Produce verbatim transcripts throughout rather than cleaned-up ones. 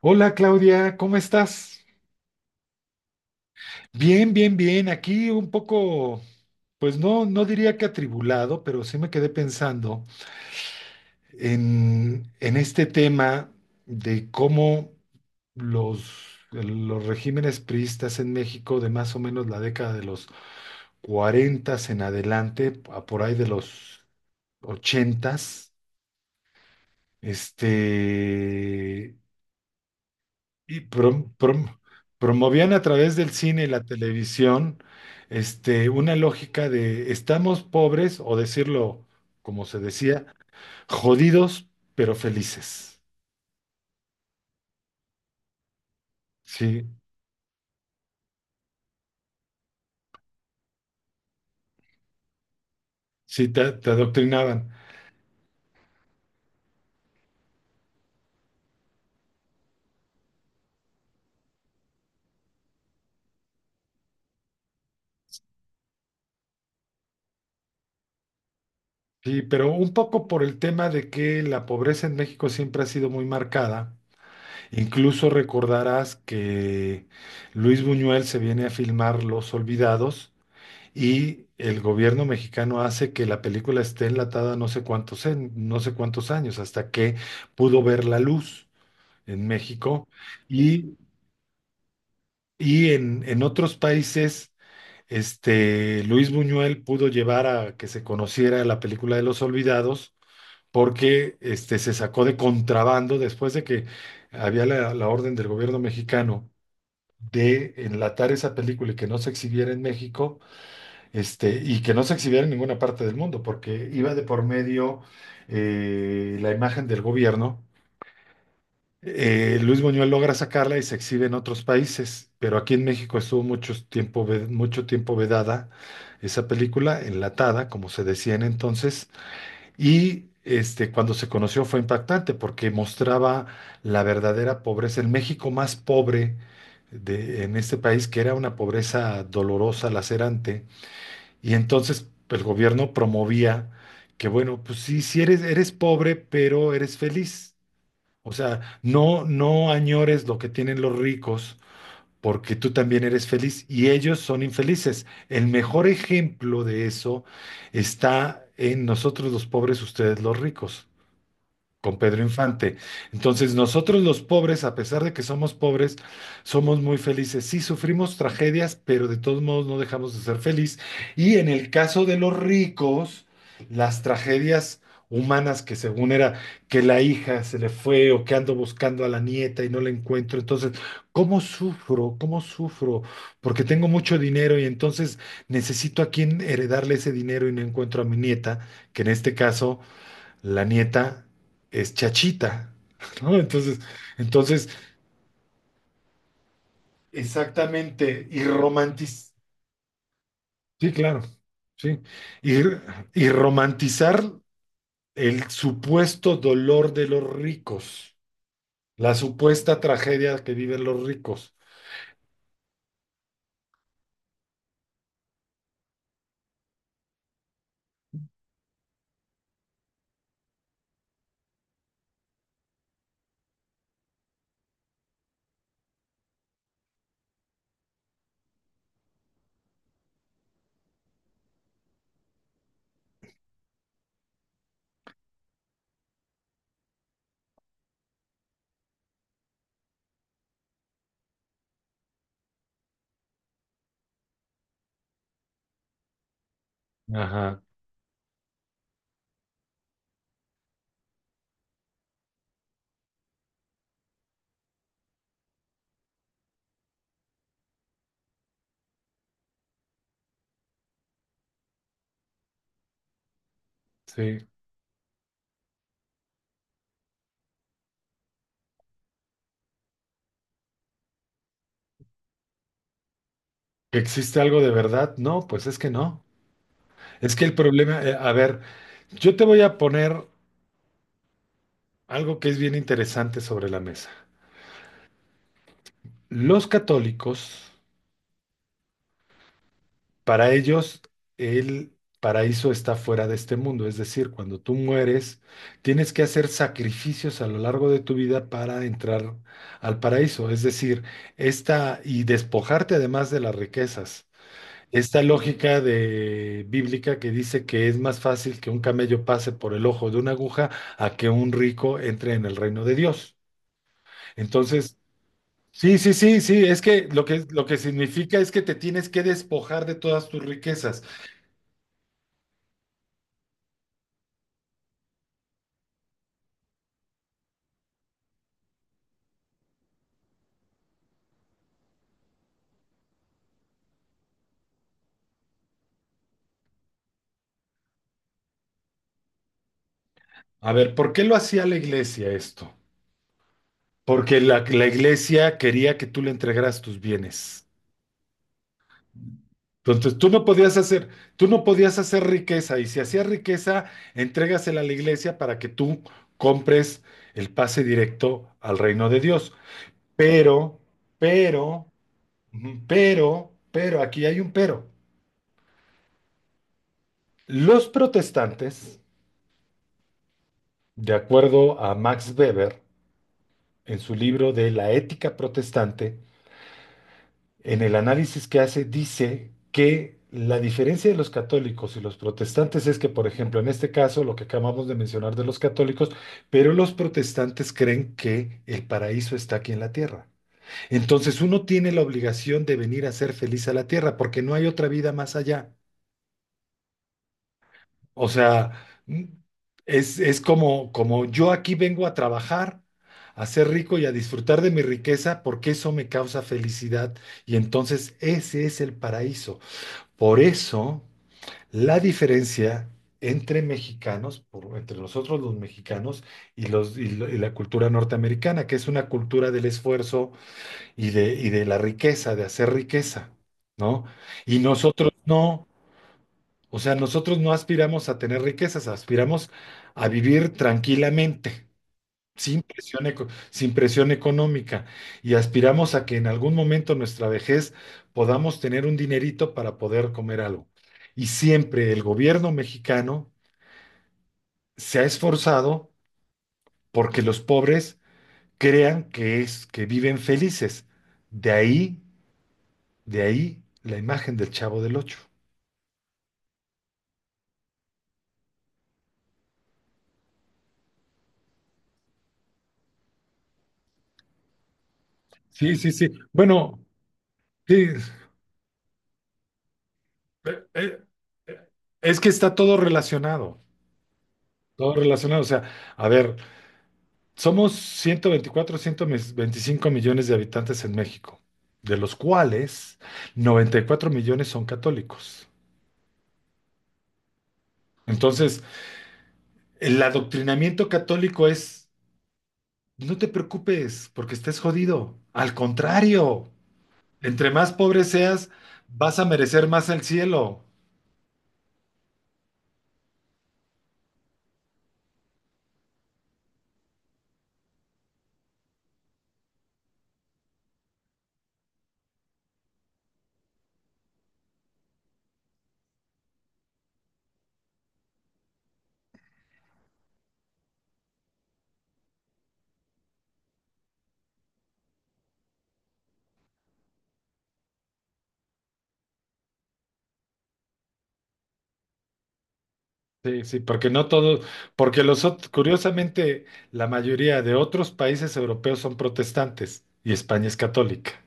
Hola Claudia, ¿cómo estás? Bien, bien, bien. Aquí un poco, pues no, no diría que atribulado, pero sí me quedé pensando en, en este tema de cómo los, los regímenes priistas en México de más o menos la década de los cuarenta en adelante, a por ahí de los ochenta, este, y prom- prom- promovían a través del cine y la televisión, este, una lógica de estamos pobres, o decirlo como se decía, jodidos pero felices. Sí, sí, te, te adoctrinaban. Sí, pero un poco por el tema de que la pobreza en México siempre ha sido muy marcada. Incluso recordarás que Luis Buñuel se viene a filmar Los Olvidados y el gobierno mexicano hace que la película esté enlatada no sé cuántos, en- no sé cuántos años, hasta que pudo ver la luz en México y, y en, en otros países. Este, Luis Buñuel pudo llevar a que se conociera la película de Los Olvidados, porque este, se sacó de contrabando después de que había la, la orden del gobierno mexicano de enlatar esa película y que no se exhibiera en México, este, y que no se exhibiera en ninguna parte del mundo, porque iba de por medio eh, la imagen del gobierno. Eh, Luis Buñuel logra sacarla y se exhibe en otros países, pero aquí en México estuvo mucho tiempo, ve- mucho tiempo vedada esa película, enlatada, como se decía en entonces. Y este, cuando se conoció fue impactante porque mostraba la verdadera pobreza, el México más pobre de, en este país, que era una pobreza dolorosa, lacerante. Y entonces pues, el gobierno promovía que, bueno, pues sí, sí eres, eres pobre, pero eres feliz. O sea, no, no añores lo que tienen los ricos, porque tú también eres feliz y ellos son infelices. El mejor ejemplo de eso está en nosotros los pobres, ustedes los ricos con Pedro Infante. Entonces, nosotros los pobres, a pesar de que somos pobres, somos muy felices. Sí, sufrimos tragedias, pero de todos modos no dejamos de ser feliz. Y en el caso de los ricos, las tragedias humanas que según era que la hija se le fue o que ando buscando a la nieta y no la encuentro. Entonces, ¿cómo sufro? ¿Cómo sufro? Porque tengo mucho dinero y entonces necesito a quien heredarle ese dinero y no encuentro a mi nieta, que en este caso la nieta es Chachita, ¿no? Entonces, entonces, exactamente, y romantiz- sí, claro, sí, y, y romantizar el supuesto dolor de los ricos, la supuesta tragedia que viven los ricos. Ajá, sí. ¿Que existe algo de verdad? No, pues es que no. Es que el problema, eh, a ver, yo te voy a poner algo que es bien interesante sobre la mesa. Los católicos. Para ellos, el paraíso está fuera de este mundo, es decir, cuando tú mueres, tienes que hacer sacrificios a lo largo de tu vida para entrar al paraíso. Es decir, esta y despojarte además de las riquezas. Esta lógica de bíblica que dice que es más fácil que un camello pase por el ojo de una aguja a que un rico entre en el reino de Dios. Entonces, sí, sí, sí, sí, es que lo que lo que significa es que te tienes que despojar de todas tus riquezas. A ver, ¿por qué lo hacía la iglesia esto? Porque la, la iglesia quería que tú le entregaras tus bienes. Entonces tú no podías hacer, tú no podías hacer riqueza, y si hacías riqueza, entrégasela a la iglesia para que tú compres el pase directo al reino de Dios. Pero, pero, ujú, pero, pero, aquí hay un pero. Los protestantes, de acuerdo a Max Weber, en su libro de La ética protestante, en el análisis que hace, dice que la diferencia de los católicos y los protestantes es que, por ejemplo, en este caso, lo que acabamos de mencionar de los católicos, pero los protestantes creen que el paraíso está aquí en la tierra. Entonces uno tiene la obligación de venir a ser feliz a la tierra porque no hay otra vida más allá. O sea, mm, es, es como, como yo aquí vengo a trabajar, a ser rico y a disfrutar de mi riqueza porque eso me causa felicidad, y entonces ese es el paraíso. Por eso, la diferencia entre mexicanos, por- entre nosotros los mexicanos y, los, y lo- y la cultura norteamericana, que es una cultura del esfuerzo y de, y de la riqueza, de hacer riqueza, ¿no? Y nosotros no, o sea, nosotros no aspiramos a tener riquezas, aspiramos a vivir tranquilamente sin presión, eco- sin presión económica, y aspiramos a que en algún momento nuestra vejez podamos tener un dinerito para poder comer algo. Y siempre el gobierno mexicano se ha esforzado porque los pobres crean que es que viven felices. De ahí, de ahí la imagen del Chavo del Ocho. Sí, sí, sí. Bueno, sí, eh, eh, eh, es que está todo relacionado, todo relacionado. O sea, a ver, somos ciento veinticuatro, ciento veinticinco millones de habitantes en México, de los cuales noventa y cuatro millones son católicos. Entonces, el adoctrinamiento católico es: no te preocupes porque estés jodido. Al contrario, entre más pobre seas, vas a merecer más el cielo. Sí, sí, porque no todos, porque los, ot- curiosamente, la mayoría de otros países europeos son protestantes y España es católica.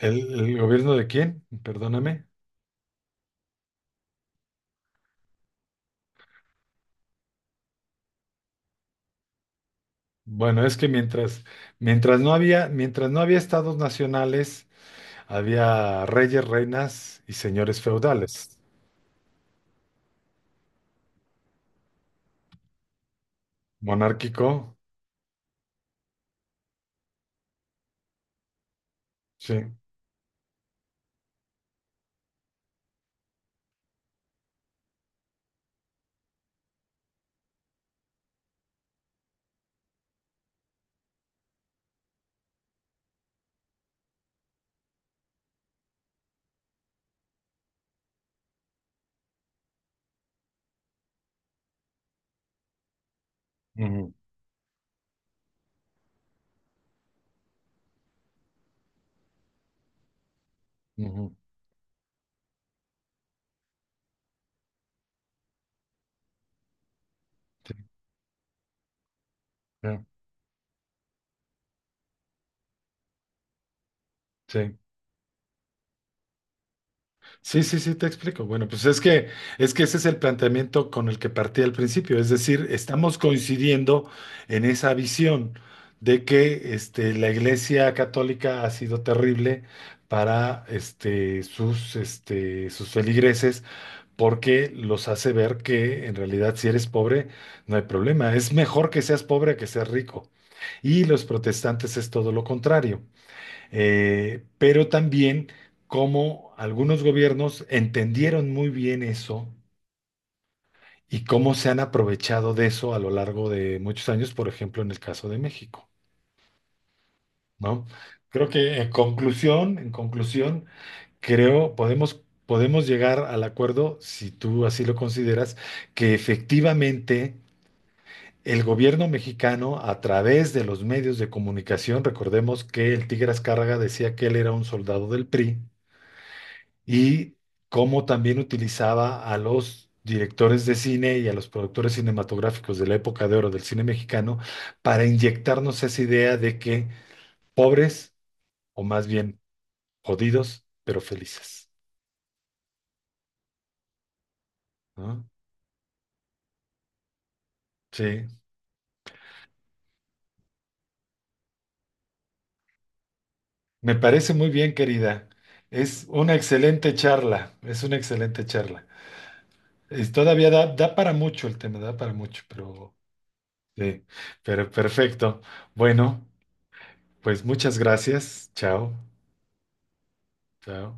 ¿El, el gobierno de quién? Perdóname. Bueno, es que mientras, mientras no había, mientras no había estados nacionales, había reyes, reinas y señores feudales. Monárquico, sí. Ujú, ujú, sí, ya, sí. Sí, sí, sí, te explico. Bueno, pues es que, es que ese es el planteamiento con el que partí al principio. Es decir, estamos coincidiendo en esa visión de que este, la Iglesia Católica ha sido terrible para este, sus, este, sus feligreses porque los hace ver que en realidad si eres pobre no hay problema, es mejor que seas pobre que seas rico. Y los protestantes es todo lo contrario. Eh, pero también cómo algunos gobiernos entendieron muy bien eso y cómo se han aprovechado de eso a lo largo de muchos años, por ejemplo, en el caso de México, ¿no? Creo que en conclusión, en conclusión, creo, podemos, podemos llegar al acuerdo, si tú así lo consideras, que efectivamente el gobierno mexicano, a través de los medios de comunicación, recordemos que el Tigre Azcárraga decía que él era un soldado del PRI, y cómo también utilizaba a los directores de cine y a los productores cinematográficos de la época de oro del cine mexicano para inyectarnos esa idea de que pobres, o más bien jodidos, pero felices, ¿no? Sí. Me parece muy bien, querida. Es una excelente charla, es una excelente charla. Es- todavía da, da para mucho el tema, da para mucho, pero sí, pero perfecto. Bueno, pues muchas gracias. Chao, chao.